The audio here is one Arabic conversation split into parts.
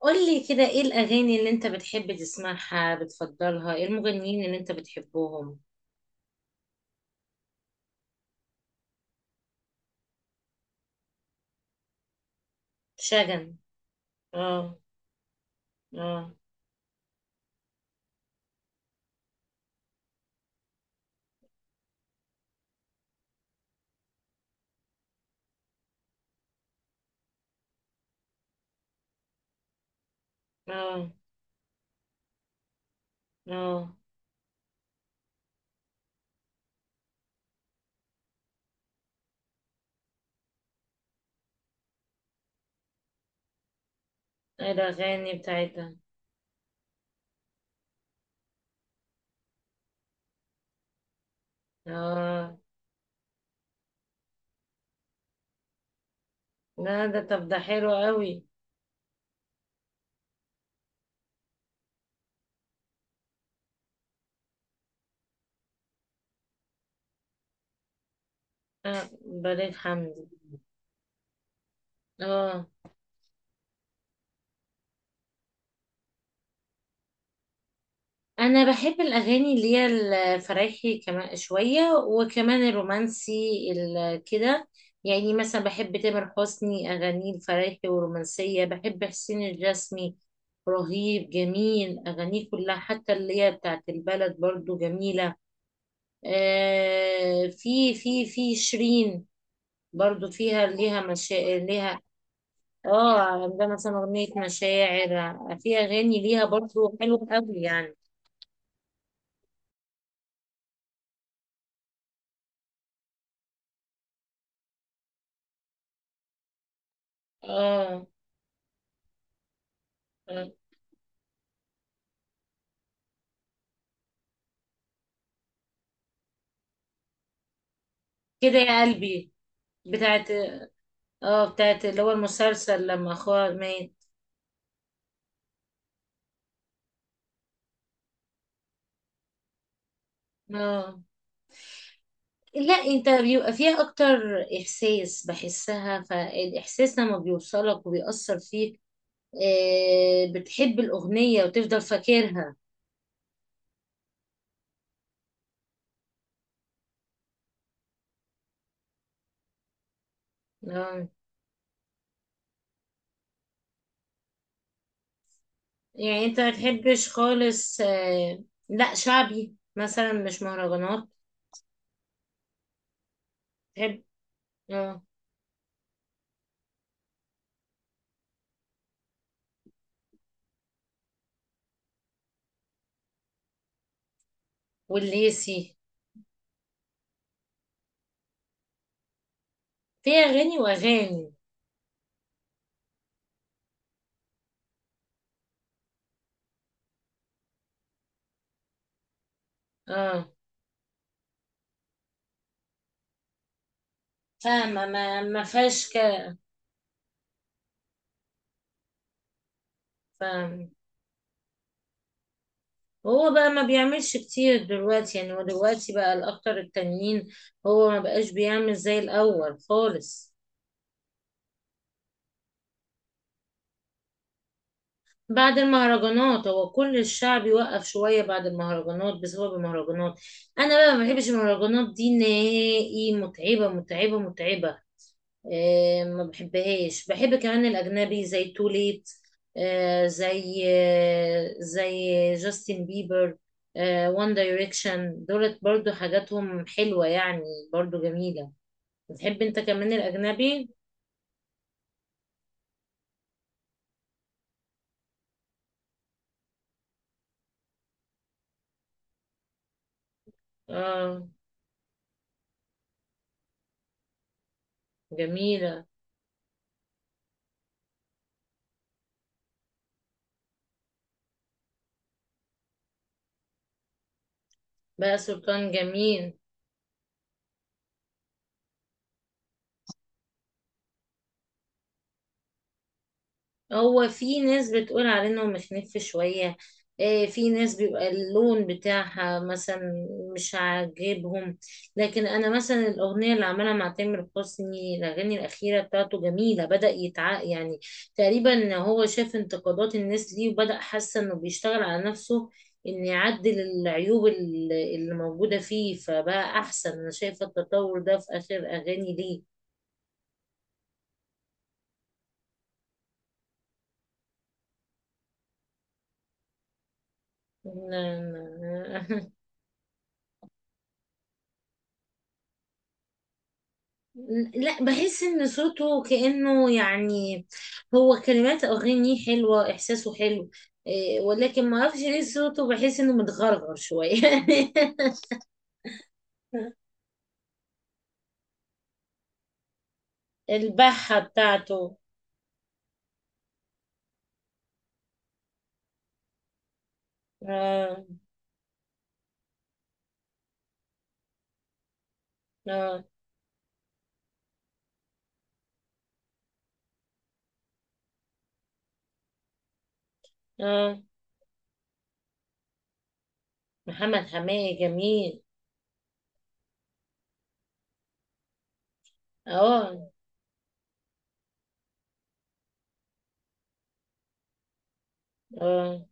قولي كده، ايه الأغاني اللي انت بتحب تسمعها بتفضلها؟ ايه المغنيين اللي انت بتحبهم؟ شجن. اه. اه. اه. اه. ايه الأغاني بتاعتها؟ اه. لا، ده طب ده حلو قوي. اه، بليغ حمدي. اه، انا بحب الاغاني اللي هي الفرايحي كمان شويه، وكمان الرومانسي كده. يعني مثلا بحب تامر حسني اغانيه الفرايحي والرومانسيه، بحب حسين الجسمي، رهيب، جميل اغانيه كلها، حتى اللي هي بتاعت البلد برضو جميله. آه، في شيرين برضو، فيها ليها ليها. اه، عندها مثلا اغنيه مشاعر، في اغاني ليها برضو حلوه قوي يعني. اه. آه. كده يا قلبي بتاعت. اه، بتاعت اللي هو المسلسل لما اخوها مات. اه. لا انت بيبقى فيها اكتر احساس، بحسها، فالاحساس لما بيوصلك وبيأثر فيك. آه، بتحب الاغنية وتفضل فاكرها. اه. يعني انت ما تحبش خالص؟ آه، لا، شعبي مثلا، مش مهرجانات. تحب. اه، والليسي فيها اغاني واغاني. اه. فاهمة، ما فيهاش كلام. فاهمة. هو بقى ما بيعملش كتير دلوقتي، يعني هو دلوقتي بقى الأخطر التانيين. هو ما بقاش بيعمل زي الأول خالص. بعد المهرجانات هو كل الشعب يوقف شوية، بعد المهرجانات، بسبب المهرجانات. أنا بقى ما بحبش المهرجانات دي نهائي، متعبة متعبة متعبة. آه، ما بحبهاش. بحب كمان الأجنبي زي توليت، آه، زي آه، زي جاستن بيبر، آه، وان دايركشن دولت برضو حاجاتهم حلوة يعني، برضو جميلة. بتحب انت كمان الأجنبي؟ اه، جميلة. بقى سلطان جميل. هو في ناس بتقول عليه انه مخنف شوية. آه، في ناس بيبقى اللون بتاعها مثلا مش عاجبهم. لكن انا مثلا الاغنية اللي عملها مع تامر حسني، الاغاني الاخيرة بتاعته جميلة، بدأ يتع يعني تقريبا هو شاف انتقادات الناس ليه وبدأ، حاسة انه بيشتغل على نفسه ان يعدل العيوب اللي موجودة فيه، فبقى احسن. انا شايفة التطور ده في اخر اغاني ليه. لا. لا. لا، بحس ان صوته كأنه يعني، هو كلمات اغانيه حلوة، احساسه حلو. إيه، ولكن ما اعرفش ليه صوته بحس انه متغرغر شوية. البحة بتاعته. آه. آه. آه، محمد حماية جميل. اه. اه،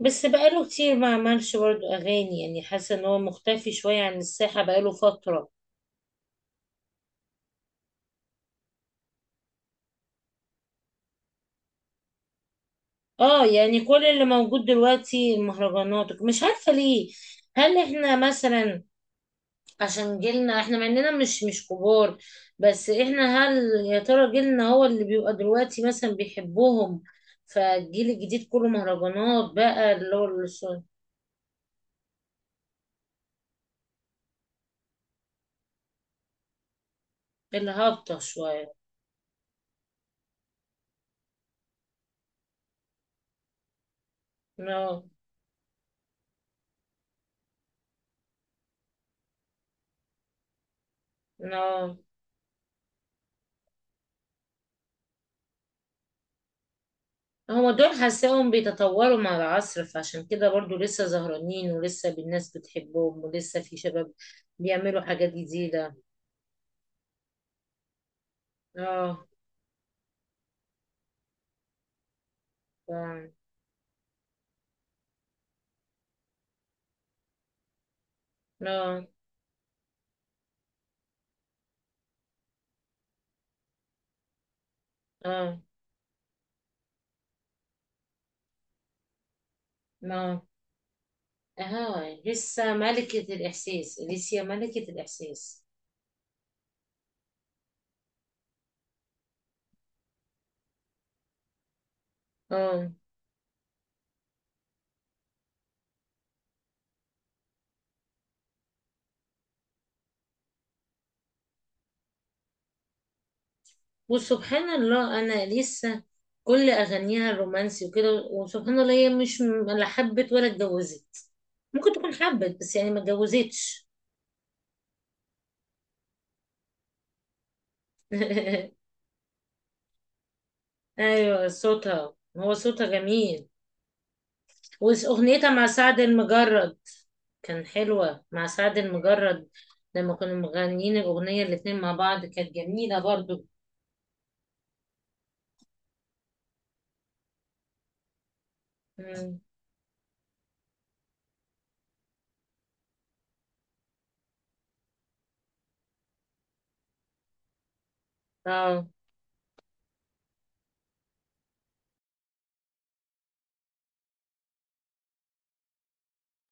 بس بقاله كتير ما عملش برضه اغاني، يعني حاسة ان هو مختفي شوية عن الساحة بقاله فترة. اه، يعني كل اللي موجود دلوقتي المهرجانات، مش عارفة ليه. هل احنا مثلا، عشان جيلنا احنا مع اننا مش كبار، بس احنا هل، يا ترى جيلنا هو اللي بيبقى دلوقتي مثلا بيحبهم، فالجيل الجديد كله مهرجانات بقى اللي هو اللي هابطة شوية. لا. لا، هما دول حاساهم بيتطوروا مع العصر، فعشان كده برضو لسه زهرانين، ولسه الناس بتحبهم، ولسه في شباب بيعملوا حاجات جديدة. اه. آه. لا. اه. لا. اها، لسه ملكة الإحساس، لسه ملكة الإحساس. اه. وسبحان الله أنا لسه، كل أغانيها الرومانسي وكده، وسبحان الله هي مش م- لا حبت ولا اتجوزت، ممكن تكون حبت بس يعني ما اتجوزتش. أيوة، صوتها، هو صوتها جميل. وأغنيتها مع سعد المجرد كان حلوة، مع سعد المجرد لما كانوا مغنيين الأغنية الاتنين مع بعض، كانت جميلة برضو. مم. اه.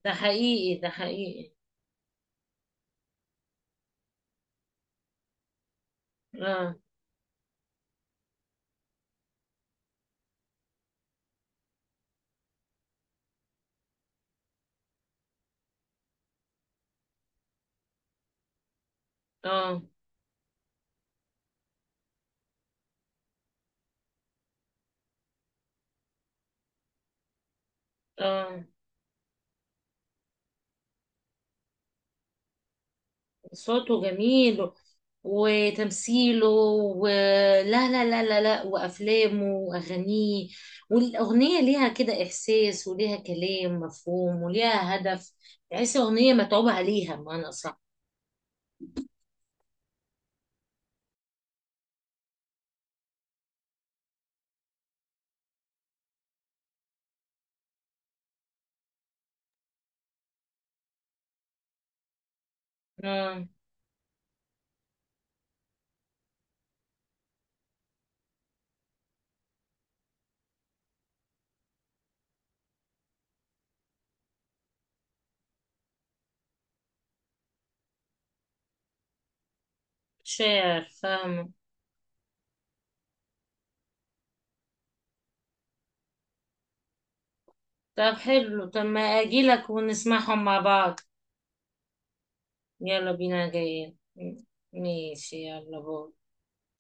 ده حقيقي، ده حقيقي. اه. اه. اه، صوته جميل، وتمثيله. ولا لا، وافلامه واغانيه، والاغنيه ليها كده احساس، وليها كلام مفهوم، وليها هدف، تحس اغنيه متعوب عليها بمعنى صح. اه، شعر، فاهمه. طب حلو، طب ما اجيلك ونسمعهم مع بعض. يلا بينا، جايين. ماشي يلا بو.